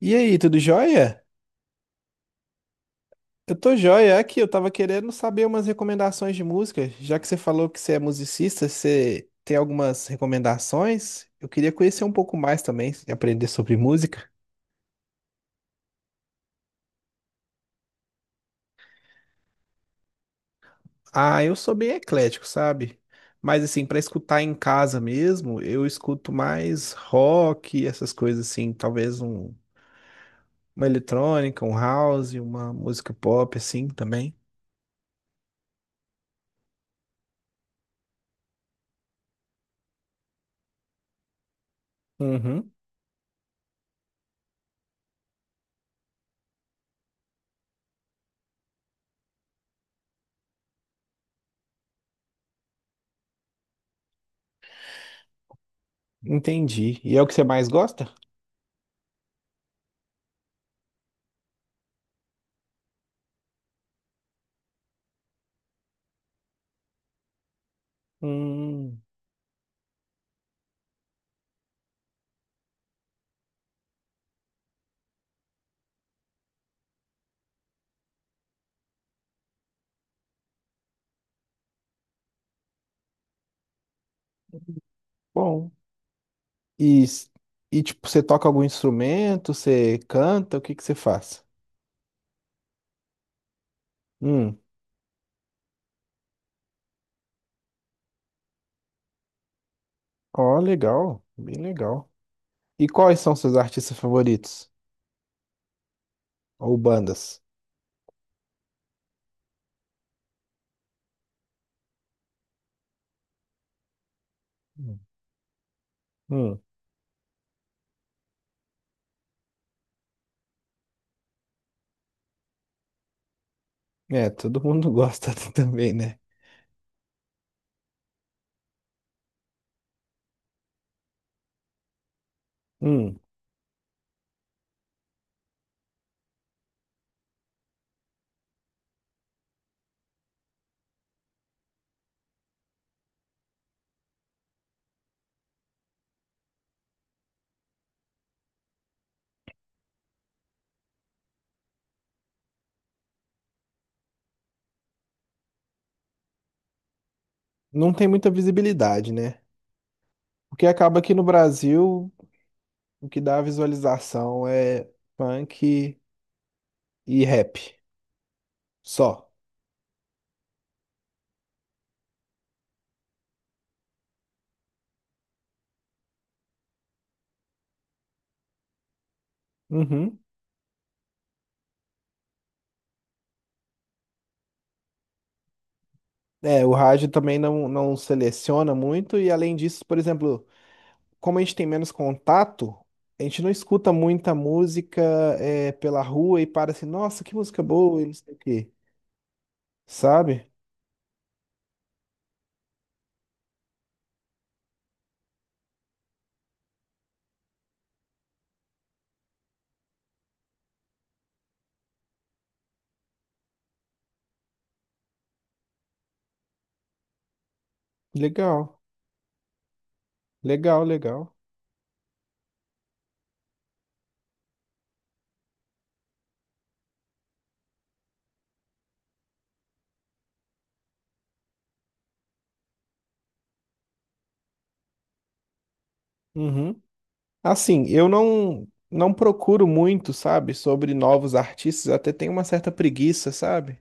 E aí, tudo jóia? Eu tô jóia aqui, eu tava querendo saber umas recomendações de música. Já que você falou que você é musicista, você tem algumas recomendações? Eu queria conhecer um pouco mais também, aprender sobre música. Ah, eu sou bem eclético, sabe? Mas assim, pra escutar em casa mesmo, eu escuto mais rock, essas coisas assim, uma eletrônica, um house, uma música pop assim também. Uhum, entendi. E é o que você mais gosta? Hum, bom. E, s- e tipo, você toca algum instrumento? Você canta? O que que você faz? Hum, ó, legal, bem legal. E quais são seus artistas favoritos? Ou bandas? Hum, hum, é, todo mundo gosta também, né? Hum, não tem muita visibilidade, né? Porque acaba aqui no Brasil, o que dá visualização é funk e rap, só. Uhum. É, o rádio também não, não seleciona muito, e além disso, por exemplo. Como a gente tem menos contato, a gente não escuta muita música é, pela rua e para assim, nossa, que música boa e não sei o quê, sabe? Legal, legal, legal. Uhum. Assim, eu não procuro muito, sabe, sobre novos artistas, até tenho uma certa preguiça, sabe?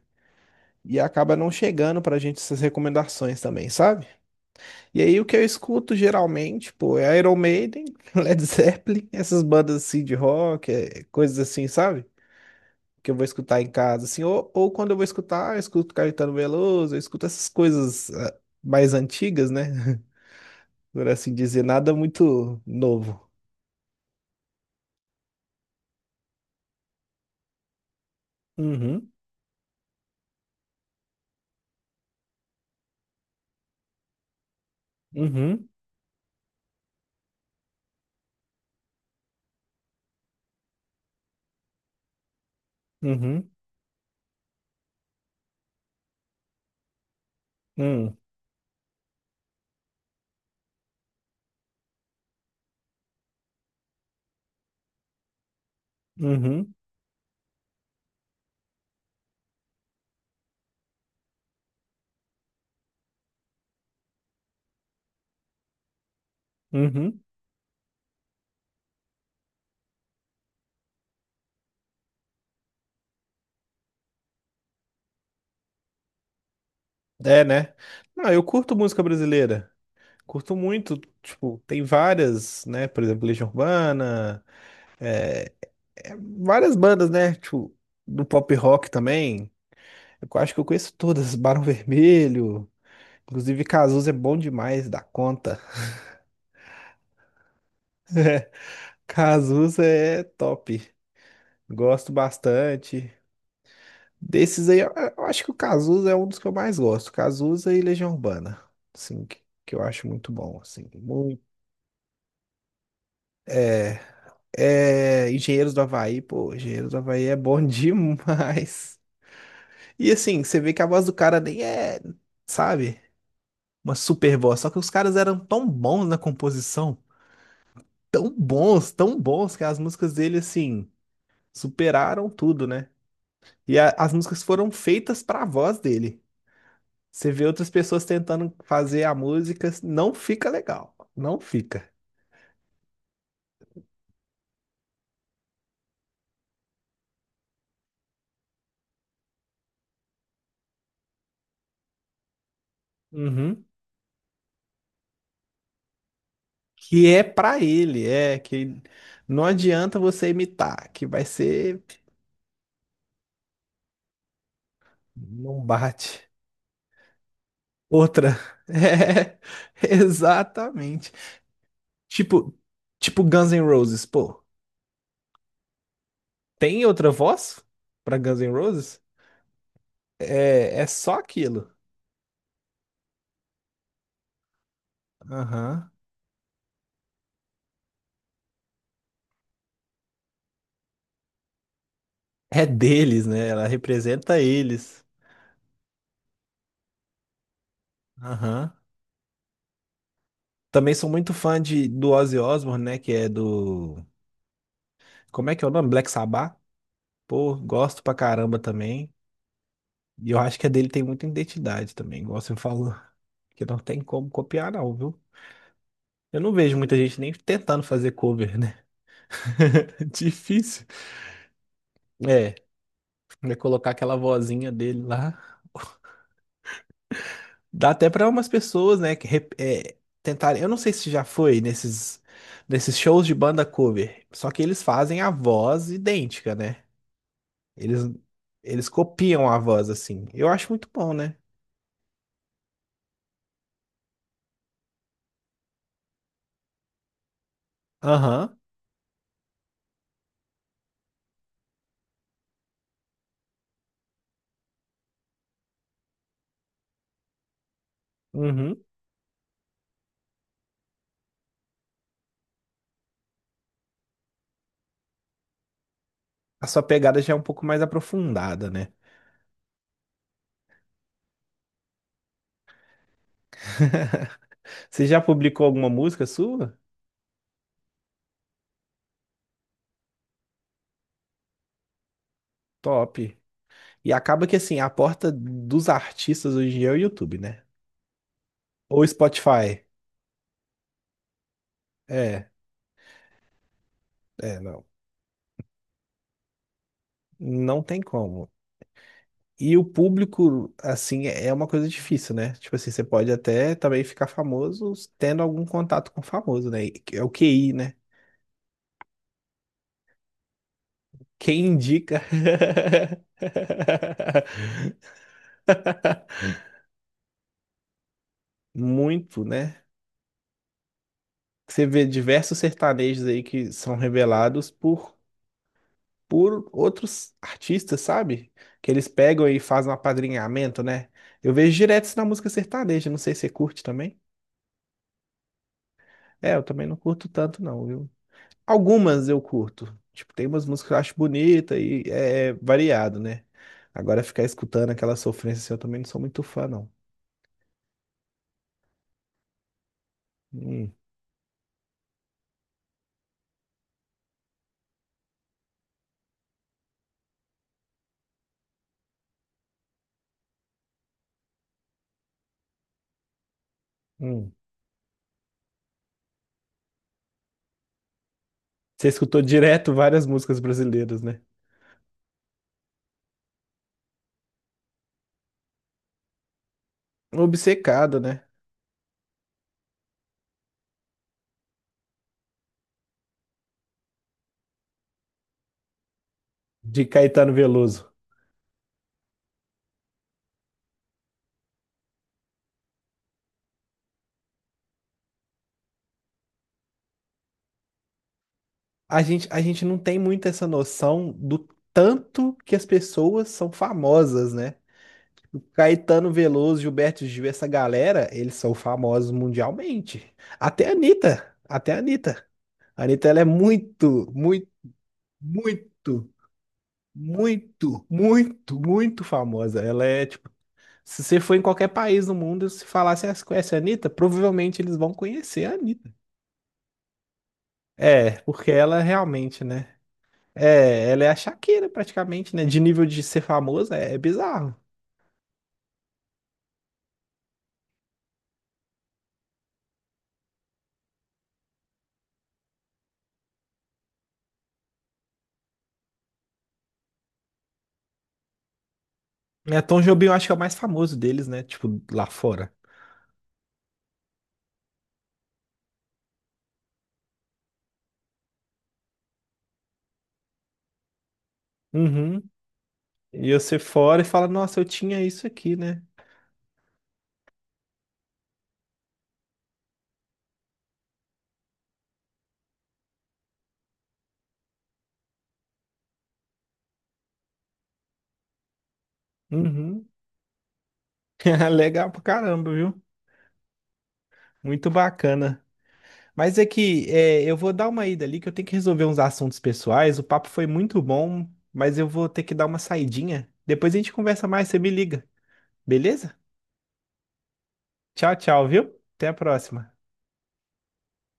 E acaba não chegando pra gente essas recomendações também, sabe? E aí o que eu escuto geralmente, pô, é Iron Maiden, Led Zeppelin, essas bandas assim de rock, é, coisas assim, sabe? Que eu vou escutar em casa, assim, ou quando eu vou escutar, eu escuto Caetano Veloso, eu escuto essas coisas ah, mais antigas, né? Por assim dizer, nada muito novo. Uhum, uhum, uhum, hum, uhum, uhum. É, né? Não, eu curto música brasileira. Curto muito, tipo, tem várias, né? Por exemplo, Legião Urbana, é, é, várias bandas, né? Tipo, do pop rock também. Eu acho que eu conheço todas, Barão Vermelho, inclusive, Cazuza é bom demais da conta. Cazuza é top. Gosto bastante. Desses aí, eu acho que o Cazuza é um dos que eu mais gosto. Cazuza e Legião Urbana. Assim, que eu acho muito bom. Assim, muito. É, é, Engenheiros do Havaí, pô, Engenheiros do Havaí é bom demais. E assim, você vê que a voz do cara nem é, sabe, uma super voz. Só que os caras eram tão bons na composição, tão bons, que as músicas dele, assim, superaram tudo, né? E as músicas foram feitas para a voz dele. Você vê outras pessoas tentando fazer a música, não fica legal, não fica. Uhum. Que é para ele, é que não adianta você imitar, que vai ser, não bate. Outra. É, exatamente. Tipo, tipo Guns N' Roses, pô. Tem outra voz para Guns N' Roses? É, é só aquilo. Aham. É deles, né? Ela representa eles. Aham. Também sou muito fã de, do Ozzy Osbourne, né? Que é do. Como é que é o nome? Black Sabbath? Pô, gosto pra caramba também. E eu acho que a dele tem muita identidade também, igual você falou. Que não tem como copiar, não, viu? Eu não vejo muita gente nem tentando fazer cover, né? Difícil. É, vai colocar aquela vozinha dele lá. Dá até para umas pessoas, né, que é, tentarem. Eu não sei se já foi nesses shows de banda cover, só que eles fazem a voz idêntica, né? Eles, eles copiam a voz assim. Eu acho muito bom, né? Aham. Uhum. A sua pegada já é um pouco mais aprofundada, né? Você já publicou alguma música sua? Top. E acaba que assim, a porta dos artistas hoje em dia é o YouTube, né? Ou Spotify. É, é, não. Não tem como. E o público, assim, é uma coisa difícil, né? Tipo assim, você pode até também ficar famoso tendo algum contato com famoso, né? É o QI, né? Quem indica muito, né? Você vê diversos sertanejos aí que são revelados por outros artistas, sabe? Que eles pegam e fazem um apadrinhamento, né? Eu vejo direto isso na música sertaneja, não sei se você curte também. É, eu também não curto tanto, não, viu? Algumas eu curto. Tipo, tem umas músicas que eu acho bonita e é variado, né? Agora ficar escutando aquela sofrência assim, eu também não sou muito fã, não. Hum, hum. Você escutou direto várias músicas brasileiras, né? Obcecado, né? De Caetano Veloso. A gente não tem muito essa noção do tanto que as pessoas são famosas, né? O Caetano Veloso, Gilberto Gil, essa galera, eles são famosos mundialmente. Até a Anitta, até a Anitta. A Anitta, ela é muito, muito muito, muito, muito, muito famosa. Ela é tipo, se você for em qualquer país do mundo, se falar se você conhece a Anitta, provavelmente eles vão conhecer a Anitta. É, porque ela realmente, né? É, ela é a Shakira praticamente, né? De nível de ser famosa, é, é bizarro. É, Tom Jobim eu acho que é o mais famoso deles, né? Tipo, lá fora. Uhum. E você fora e fala, nossa, eu tinha isso aqui, né? Uhum. Legal pra caramba, viu? Muito bacana. Mas é que é, eu vou dar uma ida ali, que eu tenho que resolver uns assuntos pessoais. O papo foi muito bom, mas eu vou ter que dar uma saidinha. Depois a gente conversa mais, você me liga, beleza? Tchau, tchau, viu? Até a próxima.